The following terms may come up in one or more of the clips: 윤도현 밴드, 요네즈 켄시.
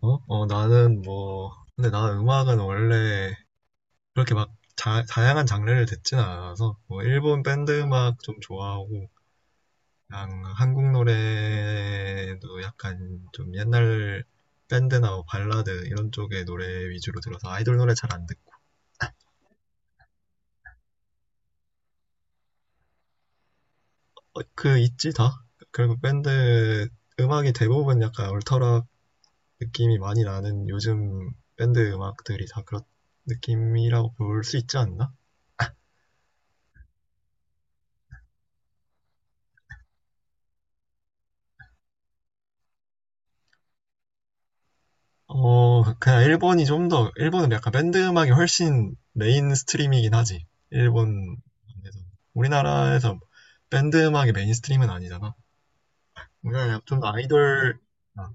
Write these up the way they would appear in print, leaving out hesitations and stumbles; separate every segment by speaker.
Speaker 1: 어? 어, 나는 뭐, 근데 나는 음악은 원래 그렇게 막 자, 다양한 장르를 듣진 않아서, 뭐, 일본 밴드 음악 좀 좋아하고, 그냥 한국 노래도 약간 좀 옛날 밴드나 뭐 발라드 이런 쪽의 노래 위주로 들어서 아이돌 노래 잘 안 듣고. 어, 그, 있지, 다? 결국 밴드 음악이 대부분 약간 얼터락 느낌이 많이 나는 요즘 밴드 음악들이 다 그런 느낌이라고 볼 수 있지 않나? 어, 그냥 일본이 좀 더, 일본은 약간 밴드 음악이 훨씬 메인 스트림이긴 하지. 일본 안에서. 우리나라에서 밴드 음악이 메인 스트림은 아니잖아. 우리나라 좀 더 아이돌, 아,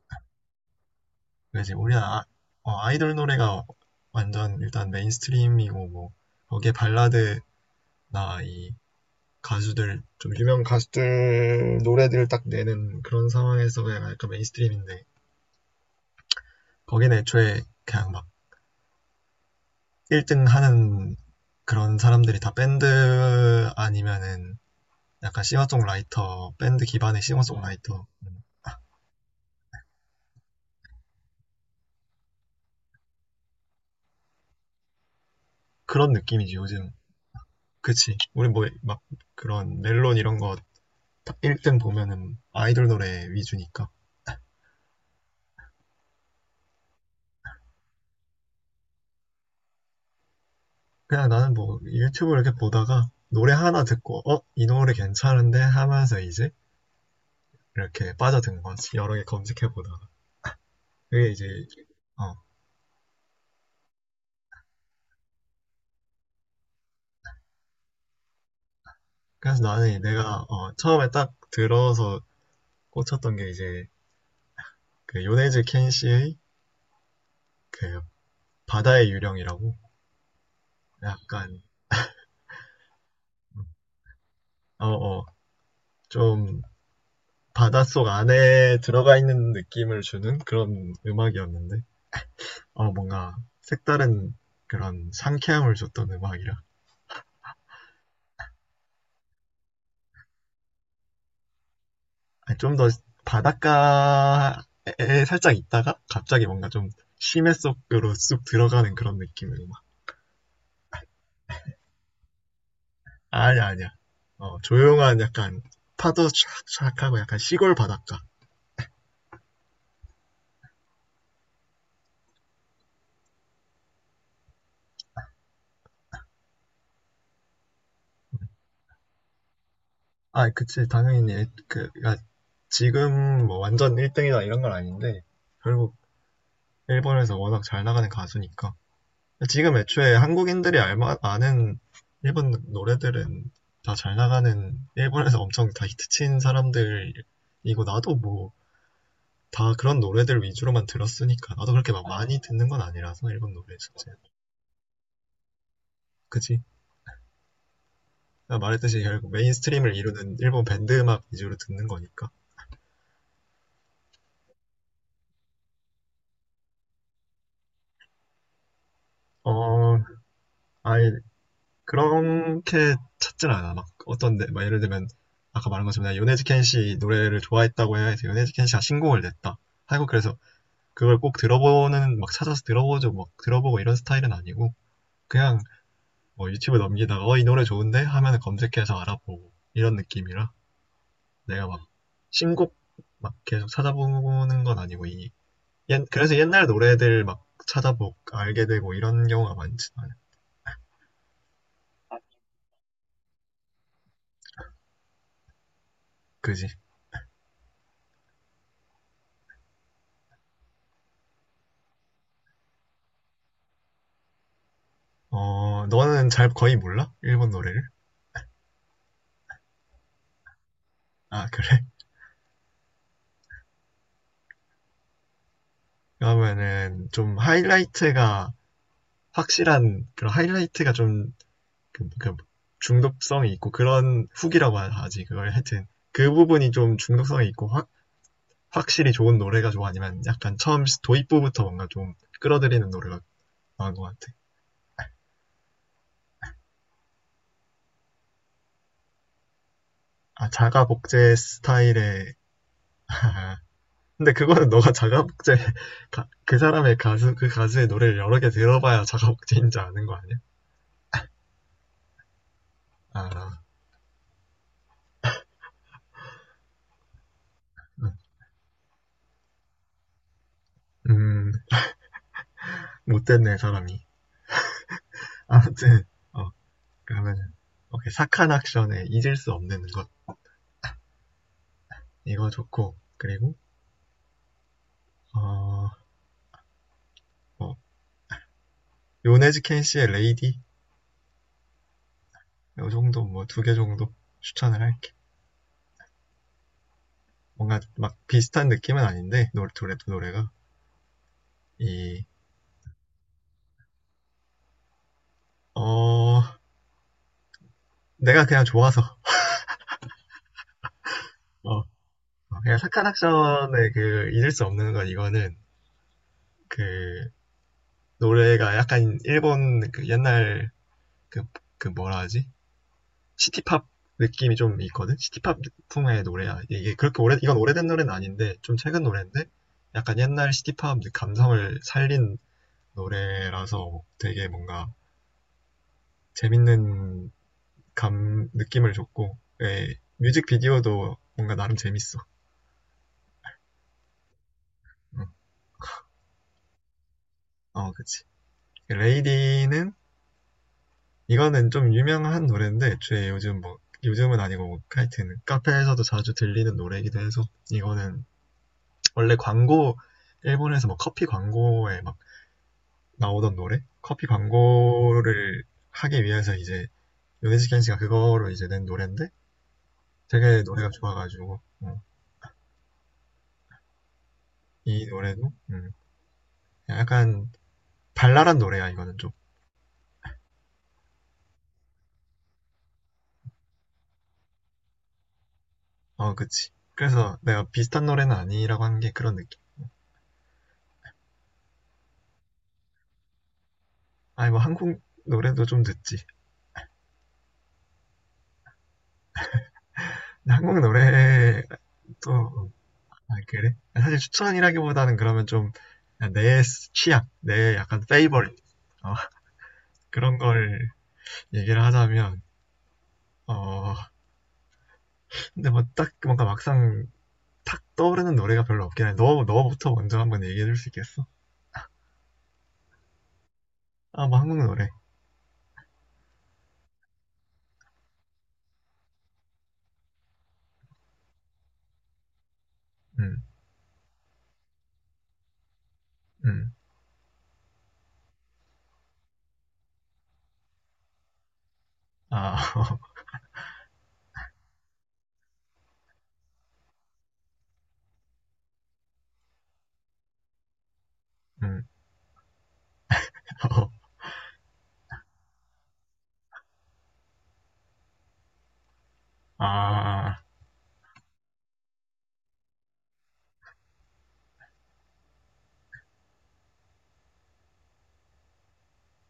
Speaker 1: 그지. 우리나라, 아, 어, 아이돌 노래가 완전 일단 메인 스트림이고, 뭐, 거기에 발라드나 이 가수들, 좀 유명 가수들 노래들을 딱 내는 그런 상황에서 그냥 약간 메인 스트림인데, 거기는 애초에 그냥 막 1등 하는 그런 사람들이 다 밴드 아니면은 약간 싱어송라이터, 밴드 기반의 싱어송라이터 그런 느낌이지 요즘. 그치. 우리 뭐 막 그런 멜론 이런 거 1등 보면은 아이돌 노래 위주니까. 그냥 나는 뭐 유튜브 이렇게 보다가 노래 하나 듣고 어? 이 노래 괜찮은데? 하면서 이제 이렇게 빠져든 거지. 여러 개 검색해 보다가. 그게 이제 어. 그래서 나는 내가 어, 처음에 딱 들어서 꽂혔던 게 이제 그 요네즈 켄시의 그 바다의 유령이라고 약간 어어 좀 바닷속 안에 들어가 있는 느낌을 주는 그런 음악이었는데 어 뭔가 색다른 그런 상쾌함을 줬던 음악이라 좀 더 바닷가에 살짝 있다가 갑자기 뭔가 좀 심해 속으로 쑥 들어가는 그런 느낌의 음악. 아니야 아니야. 어 조용한 약간 파도 촥촥하고 약간 시골 바닷가. 아, 그치. 당연히 그, 야, 지금 뭐 완전 1등이다 이런 건 아닌데 결국 일본에서 워낙 잘 나가는 가수니까 지금 애초에 한국인들이 알마 아는 일본 노래들은 다 잘 나가는 일본에서 엄청 다 히트친 사람들이고 나도 뭐 다 그런 노래들 위주로만 들었으니까 나도 그렇게 막 많이 듣는 건 아니라서 일본 노래 자체. 그치? 내가 말했듯이 결국 메인스트림을 이루는 일본 밴드 음악 위주로 듣는 거니까. 어 아예 그렇게 찾진 않아. 막 어떤데 막 예를 들면 아까 말한 것처럼 내가 요네즈켄 씨 노래를 좋아했다고 해서 요네즈켄 씨가 신곡을 냈다. 하고 그래서 그걸 꼭 들어보는 막 찾아서 들어보죠. 막 들어보고 이런 스타일은 아니고 그냥 뭐 유튜브 넘기다가 어 이 노래 좋은데 하면 검색해서 알아보고 이런 느낌이라 내가 막 신곡 막 계속 찾아보는 건 아니고 이 그래서 옛날 노래들 막 찾아보고 알게 되고 이런 경우가 많지 않아. 그지? 어 너는 잘 거의 몰라? 일본 노래를? 아, 그래? 그러면은 좀 하이라이트가 확실한 그런 하이라이트가 좀 그 중독성이 있고 그런 훅이라고 지 그걸 하여튼 그 부분이 좀 중독성이 있고 확 확실히 좋은 노래가 좋아 아니면 약간 처음 도입부부터 뭔가 좀 끌어들이는 노래가 나은 것 같아. 아, 자가 복제 스타일의. 근데 그거는 너가 자가 복제 그 사람의 가수 그 가수의 노래를 여러 개 들어봐야 자가 복제인지 아는 거 아니야? 아, 응. 음, 못됐네 사람이. 아무튼 어 그러면은 오케이 사칸 액션의 잊을 수 없는 것 이거 좋고. 그리고 어 뭐, 요네즈 켄시의 레이디. 요 정도 뭐 두 개 정도 추천을 할게. 뭔가 막 비슷한 느낌은 아닌데 노래 둘의 노래가 이 어 내가 그냥 좋아서. 어 어, 그냥 사칸 액션의 그 잊을 수 없는 것 이거는 그 노래가 약간 일본 그 옛날 그 그 뭐라 하지, 시티팝 느낌이 좀 있거든. 시티팝 풍의 노래야. 그렇게 오래 이건 오래된 노래는 아닌데 좀 최근 노래인데 약간 옛날 시티팝 감성을 살린 노래라서 되게 뭔가 재밌는 감 느낌을 줬고 예, 뮤직비디오도 뭔가 나름 재밌어. 응. 어, 그치. 레이디는 이거는 좀 유명한 노래인데 애초에 요즘 뭐 요즘은 아니고 뭐, 하여튼 카페에서도 자주 들리는 노래이기도 해서 이거는 원래 광고, 일본에서 뭐 커피 광고에 막 나오던 노래? 커피 광고를 하기 위해서 이제 요네즈켄 씨가 그거로 이제 낸 노래인데 되게 노래가 좋아가지고 어, 이 노래도 약간 발랄한 노래야 이거는 좀. 어 그치. 그래서 내가 비슷한 노래는 아니라고 한 게 그런 느낌. 아니 뭐 한국 노래도 좀 듣지. 근데 한국 노래 또 아, 그래? 사실 추천이라기보다는 그러면 좀 내 취향, 내 약간 페이버릿 어, 그런 걸 얘기를 하자면 어 근데 뭐 딱 뭔가 막상 탁 떠오르는 노래가 별로 없긴 해. 너 너부터 먼저 한번 얘기해 줄 수 있겠어? 아 뭐 한국 노래. 음. 음. 아. 어, 음. 어. 아.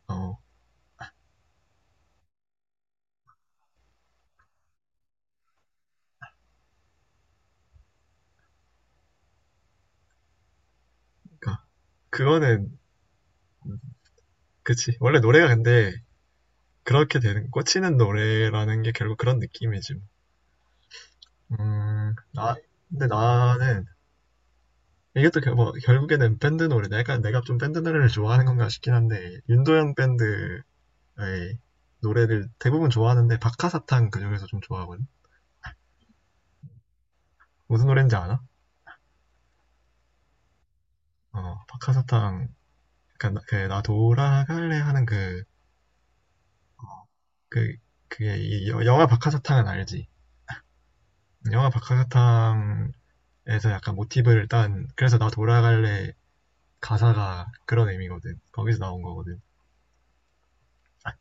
Speaker 1: 어. 그러니까 그거는 그치. 원래 노래가 근데 그렇게 되는 꽂히는 노래라는 게 결국 그런 느낌이지. 뭐. 음. 나 근데 나는 이게 또 결, 뭐, 결국에는 밴드 노래. 내가 좀 밴드 노래를 좋아하는 건가 싶긴 한데 윤도현 밴드 에이, 노래를 대부분 좋아하는데 박하사탕 그중에서 좀 좋아하거든. 무슨 노래인지 아나? 어, 박하사탕. 그러니까 나, 그, 나 돌아갈래 하는 그, 그게 이 영화 박하사탕은 알지? 영화 박하사탕에서 약간 모티브를 딴, 그래서 나 돌아갈래 가사가 그런 의미거든. 거기서 나온 거거든. 아,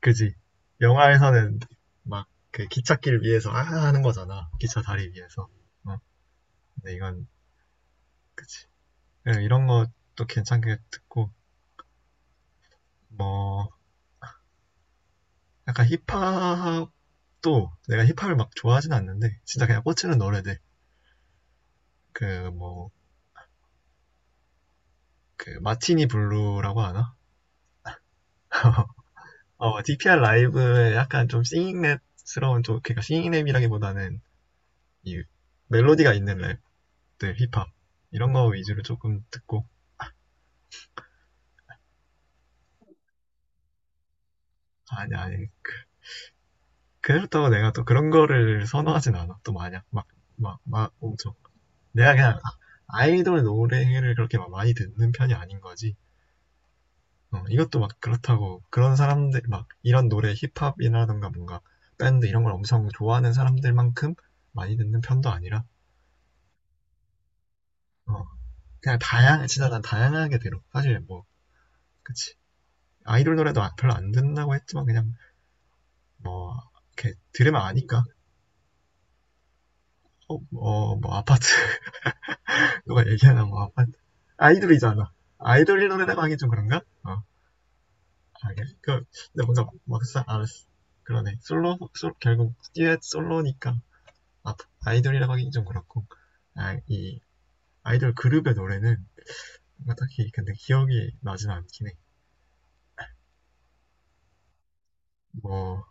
Speaker 1: 그지? 영화에서는 막 그 기찻길 위에서 아 하는 거잖아. 기차 다리 위에서. 어, 근데 이건 그치. 예, 이런 것도 괜찮게 듣고 뭐 약간 힙합도 내가 힙합을 막 좋아하진 않는데 진짜 그냥 꽂히는 노래들, 그 뭐 그 마티니 블루라고 하나? 어, DPR 라이브의 약간 좀 싱잉랩스러운 좀 그러니까 싱잉랩이라기보다는 이 멜로디가 있는 랩들 힙합 이런 거 위주로 조금 듣고. 아니 아니 그- 그렇다고 내가 또 그런 거를 선호하진 않아 또 마냥 막막막 엄청. 내가 그냥 아이돌 노래를 그렇게 막 많이 듣는 편이 아닌 거지. 어, 이것도 막 그렇다고 그런 사람들 막 이런 노래 힙합이라든가 뭔가 밴드 이런 걸 엄청 좋아하는 사람들만큼 많이 듣는 편도 아니라 어, 그냥 다양 진짜 난 다양하게 들어 사실 뭐, 그치, 아이돌 노래도 별로 안 듣는다고 했지만 그냥 뭐 이렇게 들으면 아니까. 어뭐 뭐 아파트 누가 얘기하나 뭐 아파트 아이돌이잖아. 아이돌 노래라고 하기 좀 그런가 어. 알겠어 그 근데 뭔가 막상 알았어 그러네 솔로 솔 결국 듀엣 솔로니까 아, 이돌이라고 하긴 좀 그렇고 아, 이 아이돌 그룹의 노래는 딱히 근데 기억이 나진 않긴 해. 뭐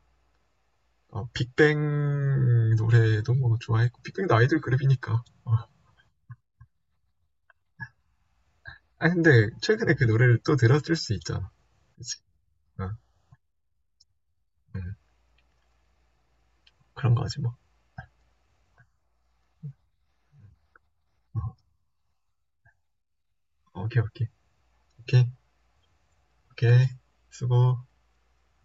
Speaker 1: 어, 빅뱅 노래도 뭐 좋아했고 빅뱅도 아이돌 그룹이니까. 어. 아 근데 최근에 그 노래를 또 들었을 수 있잖아. 그치? 어, 음, 그런 거지 뭐. 어, 오케이 오케이 오케이. 오케이 수고.